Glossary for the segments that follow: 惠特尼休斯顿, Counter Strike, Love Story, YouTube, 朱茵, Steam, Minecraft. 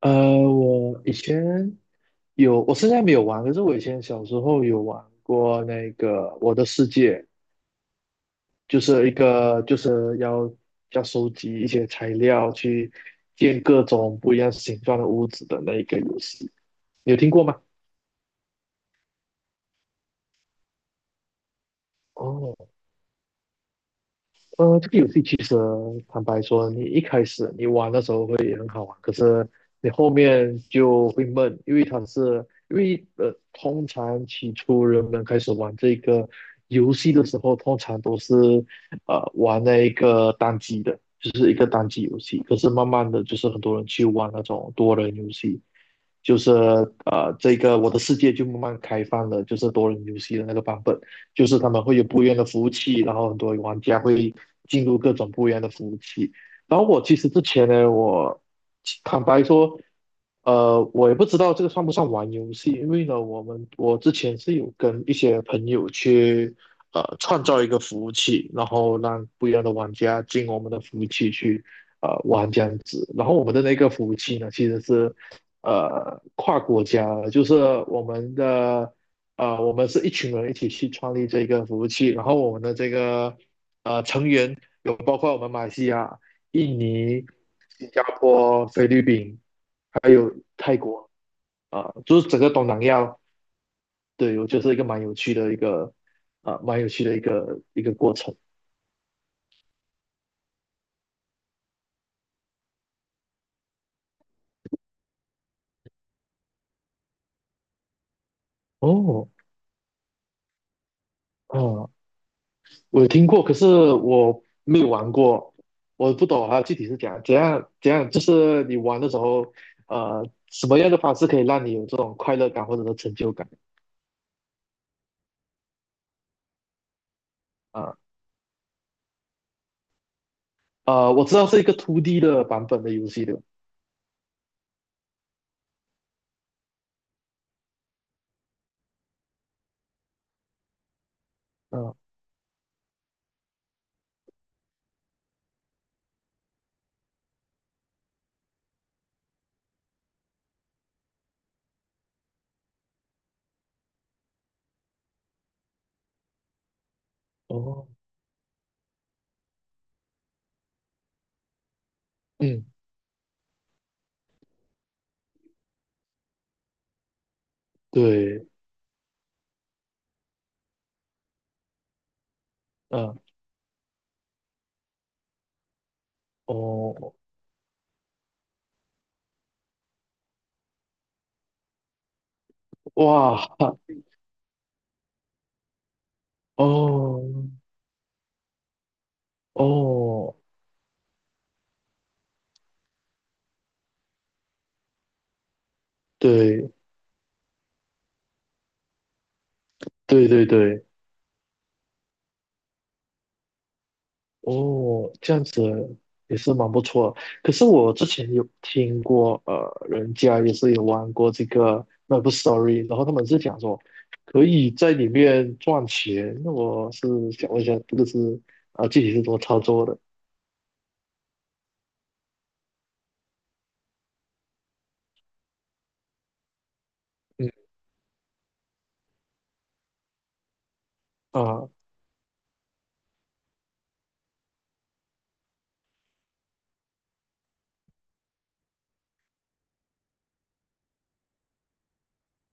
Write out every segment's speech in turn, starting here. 我以前有，我现在没有玩，可是我以前小时候有玩过那个《我的世界》，就是一个就是要收集一些材料去建各种不一样形状的屋子的那一个游戏，你有听过吗？哦，这个游戏其实坦白说，你一开始你玩的时候会很好玩，可是你后面就会闷，因为通常起初人们开始玩这个游戏的时候，通常都是玩那一个单机的，就是一个单机游戏。可是慢慢的就是很多人去玩那种多人游戏，就是这个我的世界就慢慢开放了，就是多人游戏的那个版本。就是他们会有不一样的服务器，然后很多玩家会进入各种不一样的服务器。然后我其实之前呢，我坦白说，我也不知道这个算不算玩游戏，因为呢，我之前是有跟一些朋友去创造一个服务器，然后让不一样的玩家进我们的服务器去玩这样子。然后我们的那个服务器呢，其实是跨国家的，就是我们的啊，我们是一群人一起去创立这个服务器，然后我们的这个有包括我们马来西亚、印尼、新加坡、菲律宾，还有泰国，啊、就是整个东南亚。对，我觉得是一个蛮有趣的一个，啊、蛮有趣的一个过程。哦，哦，我有听过，可是我没有玩过。我不懂啊，具体是怎样，怎样怎样，就是你玩的时候，什么样的方式可以让你有这种快乐感或者是成就感？啊？我知道是一个 Two d 的版本的游戏的。嗯哦，嗯，对，嗯哦，哇，哦哦，对对对对，哦，这样子也是蛮不错的。可是我之前有听过，人家也是有玩过这个 l o v Story，然后他们是讲说可以在里面赚钱。那我是想问一下，这个是啊、具体是怎么操作的？嗯啊，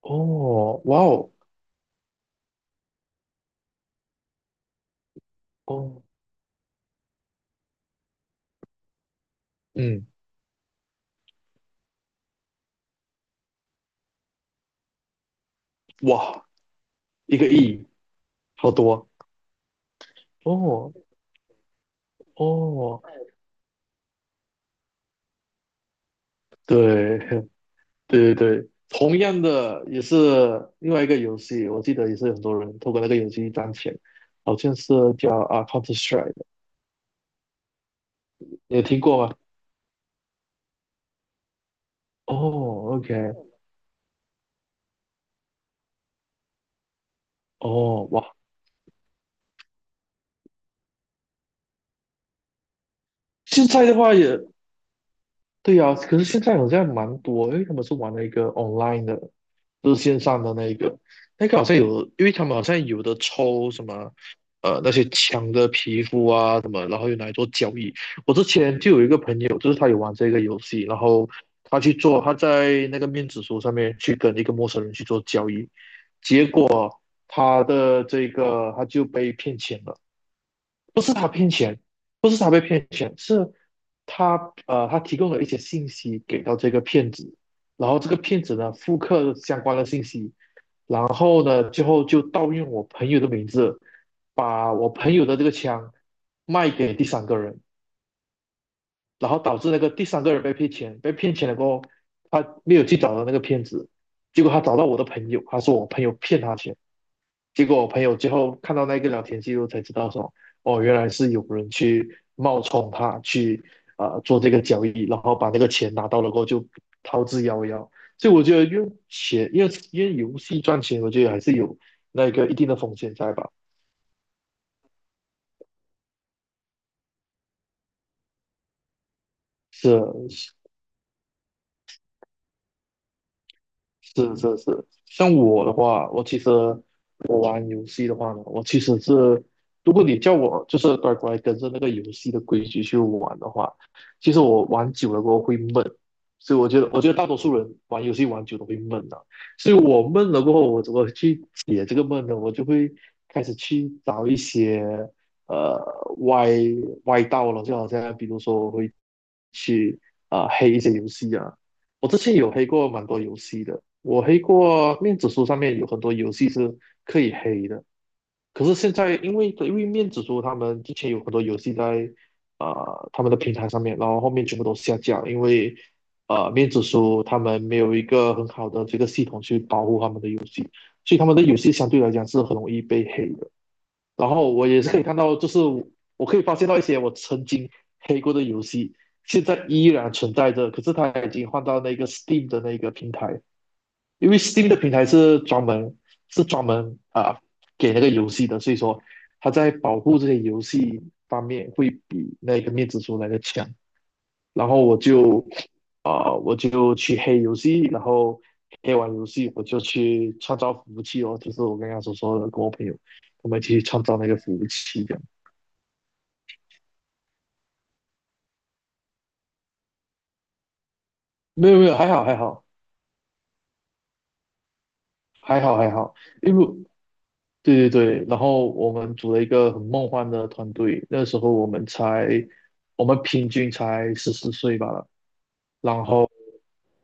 哦，哇哦，哦，嗯，哇，一个亿，好多哦哦，对 对对对，同样的也是另外一个游戏，我记得也是很多人透过那个游戏赚钱，好像是叫啊 Counter Strike， 你有听过吗？哦，OK，哦哇，现在的话也对呀，可是现在好像蛮多，因为他们是玩了一个 online 的，就是线上的那一个。那个好像有，因为他们好像有的抽什么，那些枪的皮肤啊什么，然后又拿来做交易。我之前就有一个朋友，就是他有玩这个游戏，然后他去做，他在那个面子书上面去跟一个陌生人去做交易，结果他的这个他就被骗钱了，不是他骗钱，不是他被骗钱，是他提供了一些信息给到这个骗子。然后这个骗子呢，复刻相关的信息，然后呢，最后就盗用我朋友的名字，把我朋友的这个枪卖给第三个人，然后导致那个第三个人被骗钱，被骗钱了过后，他没有去找到那个骗子，结果他找到我的朋友，他说我朋友骗他钱。结果我朋友最后看到那个聊天记录才知道说，哦，原来是有人去冒充他去啊、做这个交易，然后把那个钱拿到了过后就逃之夭夭。所以我觉得用钱，因为游戏赚钱，我觉得还是有那个一定的风险在吧？是是是是，像我的话，我其实我玩游戏的话呢，我其实是，如果你叫我就是乖乖跟着那个游戏的规矩去玩的话，其实我玩久了过后会闷。所以我觉得，我觉得大多数人玩游戏玩久了会闷的、所以我闷了过后，我怎么去解这个闷呢？我就会开始去找一些呃歪歪道了，就好像比如说我会去啊、黑一些游戏啊。我之前有黑过蛮多游戏的，我黑过面子书上面有很多游戏是可以黑的，可是现在因为面子书他们之前有很多游戏在他们的平台上面，然后后面全部都下架了。因为面子书他们没有一个很好的这个系统去保护他们的游戏，所以他们的游戏相对来讲是很容易被黑的。然后我也是可以看到，就是我可以发现到一些我曾经黑过的游戏，现在依然存在着，可是它已经换到那个 Steam 的那个平台。因为 Steam 的平台是专门啊给那个游戏的，所以说它在保护这些游戏方面会比那个面子书来的强。然后啊、我就去黑游戏，然后黑完游戏我就去创造服务器哦，就是我刚刚所说的，跟我朋友我们一起去创造那个服务器这样。没有没有，还好还好还好还好，因为对对对，然后我们组了一个很梦幻的团队。那时候我们平均才十四岁吧。然后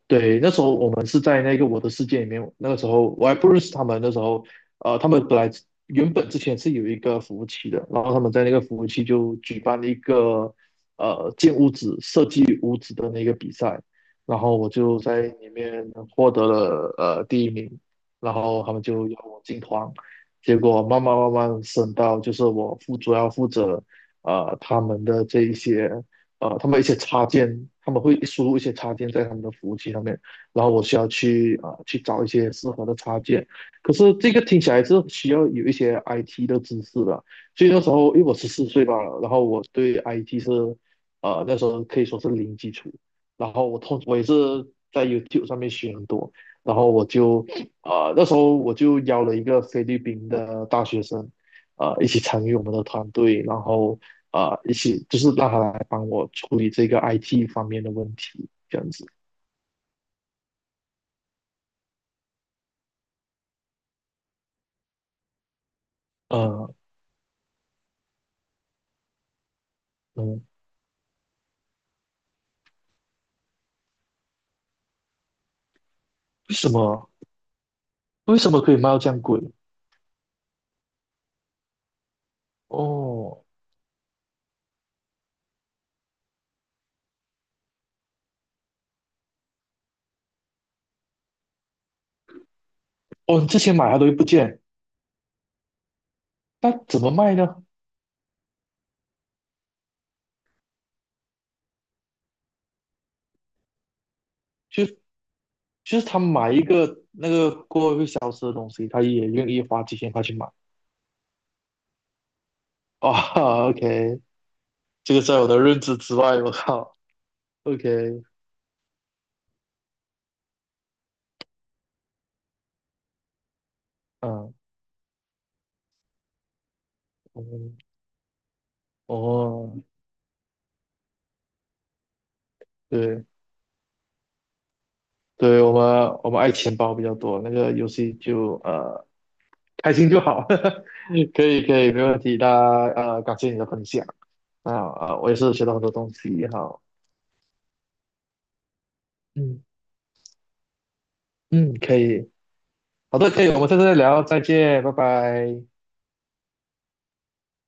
对，那时候我们是在那个我的世界里面。那个时候我还不认识他们，那时候他们原本之前是有一个服务器的，然后他们在那个服务器就举办了一个建屋子、设计屋子的那个比赛，然后我就在里面获得了第一名，然后他们就邀我进团。结果慢慢慢慢升到就是我主要负责呃他们的这一些他们一些插件，他们会输入一些插件在他们的服务器上面，然后我需要啊、去找一些适合的插件。可是这个听起来是需要有一些 IT 的知识的，所以那时候因为我十四岁吧，然后我对 IT 那时候可以说是零基础。然后我也是在 YouTube 上面学很多，然后那时候我就邀了一个菲律宾的大学生。一起参与我们的团队，然后一起，就是让他来帮我处理这个 IT 方面的问题，这样子。呃，嗯，为什么为什么可以卖到这样贵？哦，哦，之前买它都会不见，那怎么卖呢？就就是他买一个那个过后会消失的东西，他也愿意花几千块去买。哇，OK，这个在我的认知之外，我靠，OK，嗯，嗯，哦，对对，我们爱钱包比较多，那个游戏就开心就好，可以可以，没问题。那感谢你的分享啊啊，我也是学到很多东西。好，嗯嗯，可以，好的，可以，我们下次再聊，再见，拜拜。